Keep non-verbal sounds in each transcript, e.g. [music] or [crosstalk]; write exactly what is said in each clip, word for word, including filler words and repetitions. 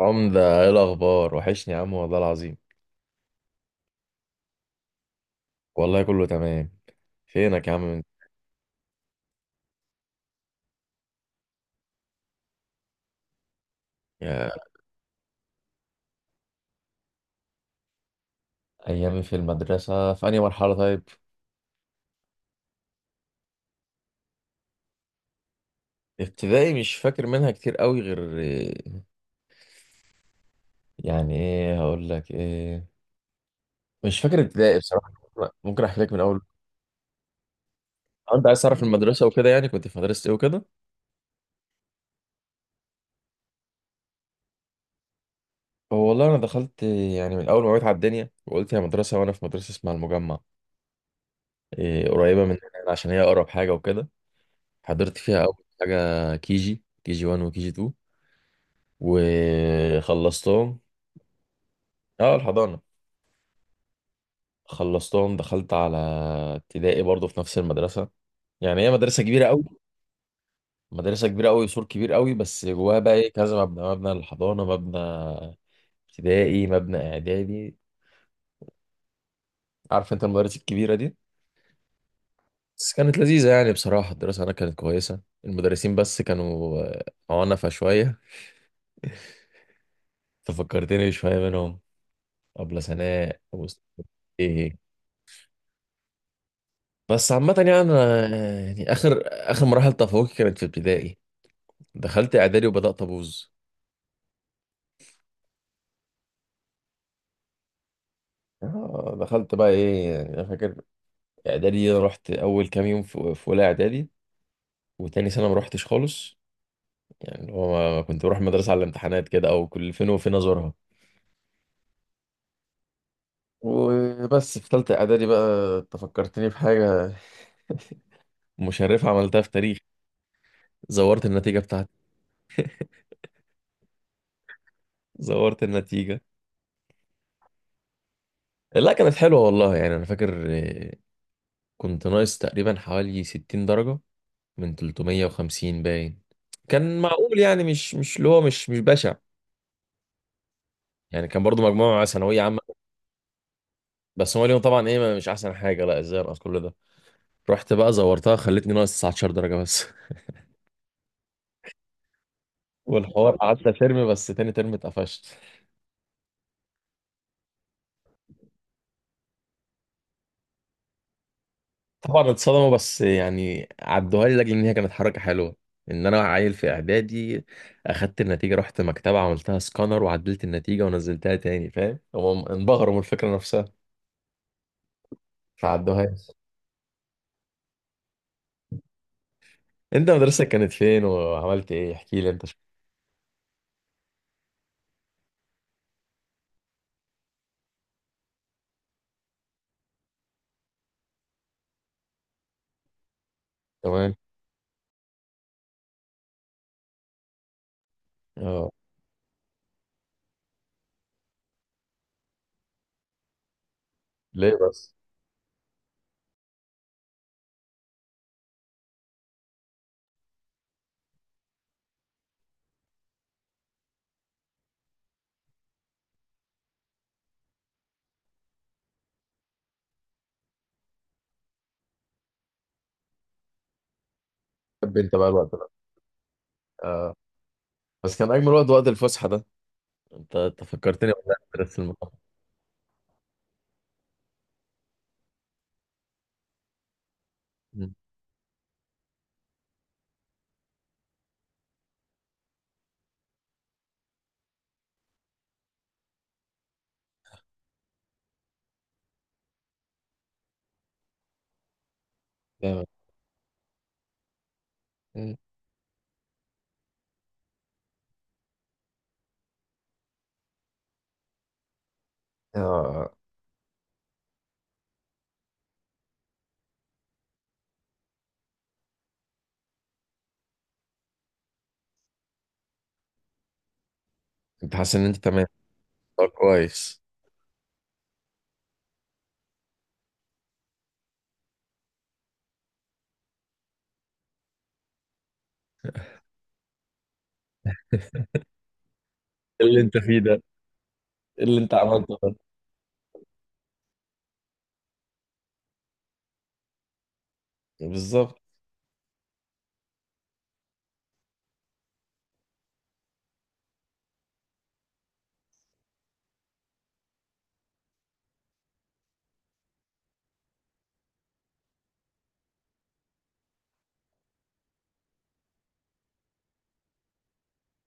عمدة ايه الأخبار؟ وحشني يا عم والله العظيم. والله كله تمام. فينك يا عم من يا؟ أيام في المدرسة في أنهي مرحلة؟ طيب ابتدائي مش فاكر منها كتير قوي غير يعني ايه. هقول لك ايه، مش فاكر ابتدائي بصراحة. ممكن أحكي لك من أول. آه، أنت عايز تعرف المدرسة وكده، يعني كنت في مدرسة ايه وكده. هو والله أنا دخلت يعني من أول ما وعيت على الدنيا وقلت يا مدرسة، وأنا في مدرسة اسمها المجمع، إيه، قريبة مننا يعني عشان هي أقرب حاجة وكده. حضرت فيها أول حاجة كيجي كيجي واحد وكيجي اتنين وخلصتهم. اه، الحضانة خلصتهم دخلت على ابتدائي برضو في نفس المدرسة. يعني هي مدرسة كبيرة قوي، مدرسة كبيرة قوي، سور كبير قوي، بس جواها بقى ايه كذا مبنى، مبنى للحضانة، مبنى ابتدائي، مبنى اعدادي. عارف انت المدارس الكبيرة دي. بس كانت لذيذة يعني، بصراحة الدراسة هناك كانت كويسة، المدرسين بس كانوا آه، عنفة شوية. تفكرتني شوية منهم، أبلة سناء أبو إيه. بس عامة يعني أنا، يعني آخر آخر مراحل تفوقي كانت في ابتدائي. دخلت إعدادي وبدأت أبوظ. آه، دخلت بقى إيه، يعني أنا فاكر إعدادي، أنا رحت أول كام يوم في في أولى إعدادي، وتاني سنة ما رحتش خالص. يعني اللي هو ما- كنت بروح المدرسة على الامتحانات كده، أو كل فين وفين أزورها. وبس في تالتة إعدادي بقى أنت فكرتني بحاجة. [laughs] مشرفة عملتها في تاريخ. زورت النتيجة بتاعتي. زورت النتيجة. لا كانت حلوة والله، يعني أنا فاكر كنت ناقص تقريبا حوالي ستين درجة من تلتمية وخمسين باين. كان معقول يعني، مش مش اللي هو مش مش بشع. يعني كان برضو مجموعة ثانوية عامة. بس هو اليوم طبعا ايه، ما- مش احسن حاجة، لا ازاي انقص كل ده. رحت بقى زورتها، خلتني ناقص تسعة عشر درجة بس. [laughs] والحوار قعدت ترم، بس تاني ترم اتقفشت. طبعا اتصدموا، بس يعني عدوها لي لاجل ان هي كانت حركة حلوة، ان انا عيل في اعدادي. اخدت النتيجة رحت مكتبة عملتها سكانر وعدلت النتيجة ونزلتها تاني، فاهم؟ هم انبهروا من الفكرة نفسها، ما عدوهاش. انت مدرستك كانت فين وعملت ايه؟ احكي لي انت شو. كمان. اه، ليه بس؟ حب انت بقى الوقت ده. آه. بس كان اجمل وقت، وقت الفسحه ده. انت انت فكرتني والله بمدرسه المقاومه. مم. جامد. مم. اه، انت حاسس ان انت تمام. طب كويس. إيه اللي انت فيه ده؟ إيه اللي انت عملته ده؟ بالظبط.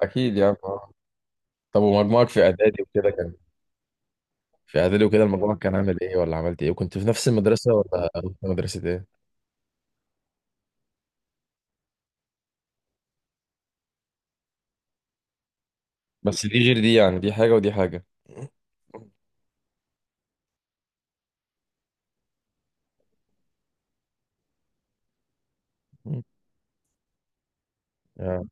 اكيد يعني آه. طب ومجموعك في اعدادي وكده كان، في اعدادي وكده المجموع كان عامل ايه، ولا عملت ايه، وكنت في نفس المدرسه، ولا رحت مدرسه ايه؟ بس دي غير دي، يعني دي حاجه ودي حاجه. مم.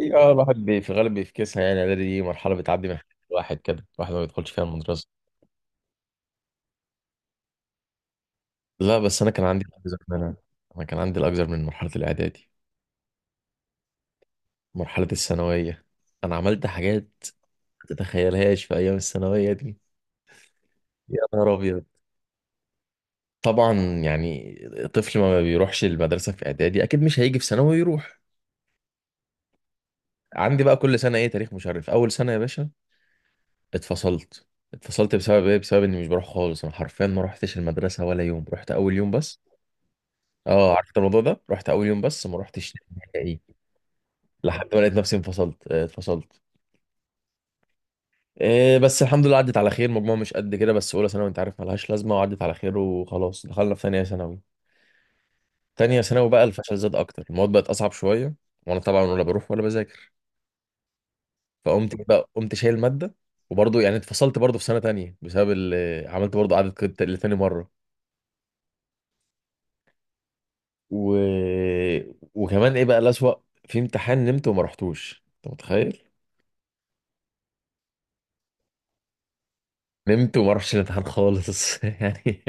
إيه، اه الواحد بي- في الغالب بيفكسها، يعني اعدادي دي مرحله بتعدي من حياة الواحد كده، الواحد ما بيدخلش فيها المدرسه. لا بس انا كان عندي الاكثر من انا، أنا كان عندي الاكثر من مرحله الاعدادي، مرحله الثانويه. انا عملت حاجات ما تتخيلهاش في ايام الثانويه دي. يا نهار ابيض. طبعا. يعني طفل ما بيروحش المدرسه في اعدادي اكيد مش هيجي في ثانوي يروح. عندي بقى كل سنه ايه تاريخ مشرف. اول سنه يا باشا اتفصلت. اتفصلت بسبب ايه؟ بسبب اني مش بروح خالص. انا حرفيا ما روحتش المدرسه ولا يوم، رحت اول يوم بس. اه، عرفت الموضوع ده، رحت اول يوم بس ما رحتش نهائي. لحد ما لقيت نفسي انفصلت، آه، اتفصلت. آه، بس الحمد لله عدت على خير. مجموعة مش قد كده، بس اولى ثانوي انت عارف ملهاش لازمة، وعدت على خير. وخلاص دخلنا في ثانية ثانوي. ثانية ثانوي بقى الفشل زاد اكتر، المواد بقت اصعب شوية، وانا طبعا ولا بروح ولا بذاكر، فقمت إيه بقى، قمت شايل مادة. وبرضه يعني اتفصلت برضه في سنة تانية، بسبب ال- عملت برضه قعدة كت- لتاني مرة. و... وكمان ايه بقى الأسوأ، في امتحان نمت وما رحتوش، انت متخيل؟ نمت وما رحتش الامتحان خالص. [laughs] يعني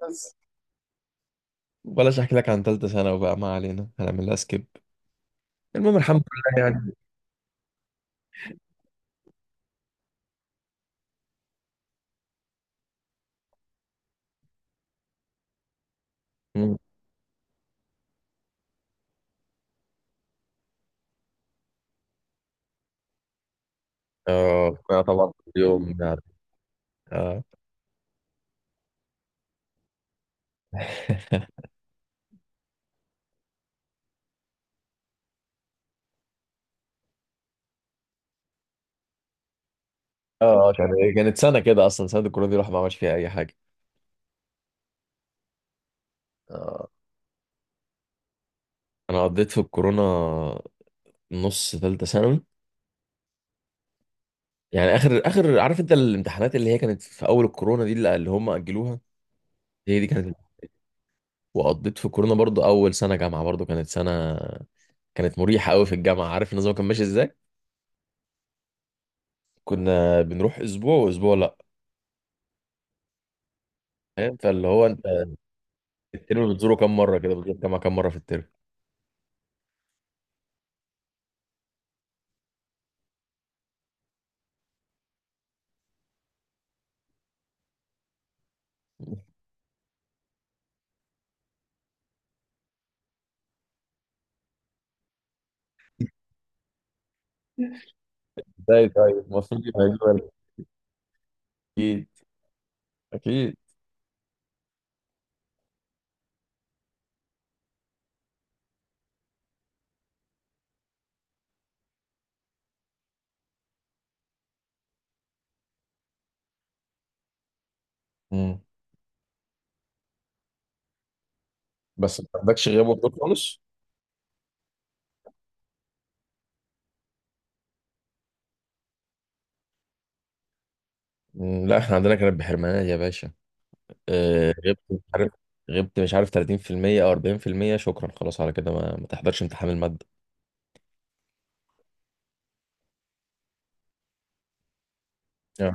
بس. بلاش احكي لك عن ثالثه ثانوي بقى، ما علينا هنعمل لها سكيب. المهم الحمد لله يعني. مم. اه، آه طبعا كل يوم يعني. اه. [laughs] اه، آه، يعني كانت سنه كده اصلا، سنه الكورونا دي الواحد ما عملش فيها اي حاجه. آه. انا قضيت في الكورونا نص ثالثه ثانوي. يعني اخر اخر عارف انت الامتحانات اللي هي كانت في اول الكورونا دي، اللي اللي هم اجلوها، هي دي كانت. وقضيت في الكورونا برضو. اول سنه جامعه برضو كانت سنه، كانت مريحه قوي في الجامعه. عارف النظام كان ماشي ازاي؟ كنا بنروح اسبوع واسبوع لا. فاهم؟ فاللي هو انت الترم بتزوره كام مره؟ كده بتزور الجامعه كام مره في الترم. ازاي طيب المفروض يبقى يجي. اكيد، اكيد. مم. بس ما عندكش غياب وحضور خالص. مم، لا احنا عندنا كانت بحرمانات يا باشا. آه، غبت مش عارف، غبت مش عارف ثلاثين في المية او أربعين في المية. شكرا خلاص على كده، ما, ما تحضرش امتحان الماده. آه.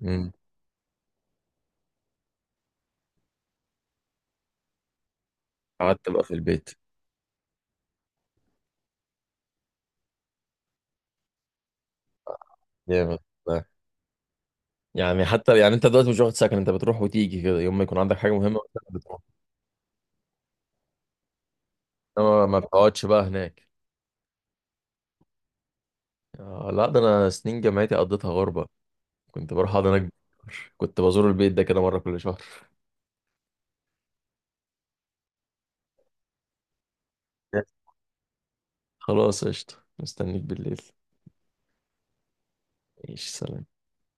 مم. قعدت بقى في البيت. جامد. لا. يعني حتى يعني انت دلوقتي مش واخد سكن، انت بتروح وتيجي كده يوم ما يكون عندك حاجه مهمه، انما ما بتقعدش بقى هناك. آه، لا ده انا سنين جامعتي قضيتها غربة. كنت بروح اقعد هناك بالشهر. كنت بزور البيت ده كده مرة كل شهر. [laughs] خلاص قشطة، مستنيك بالليل. ماشي سلام.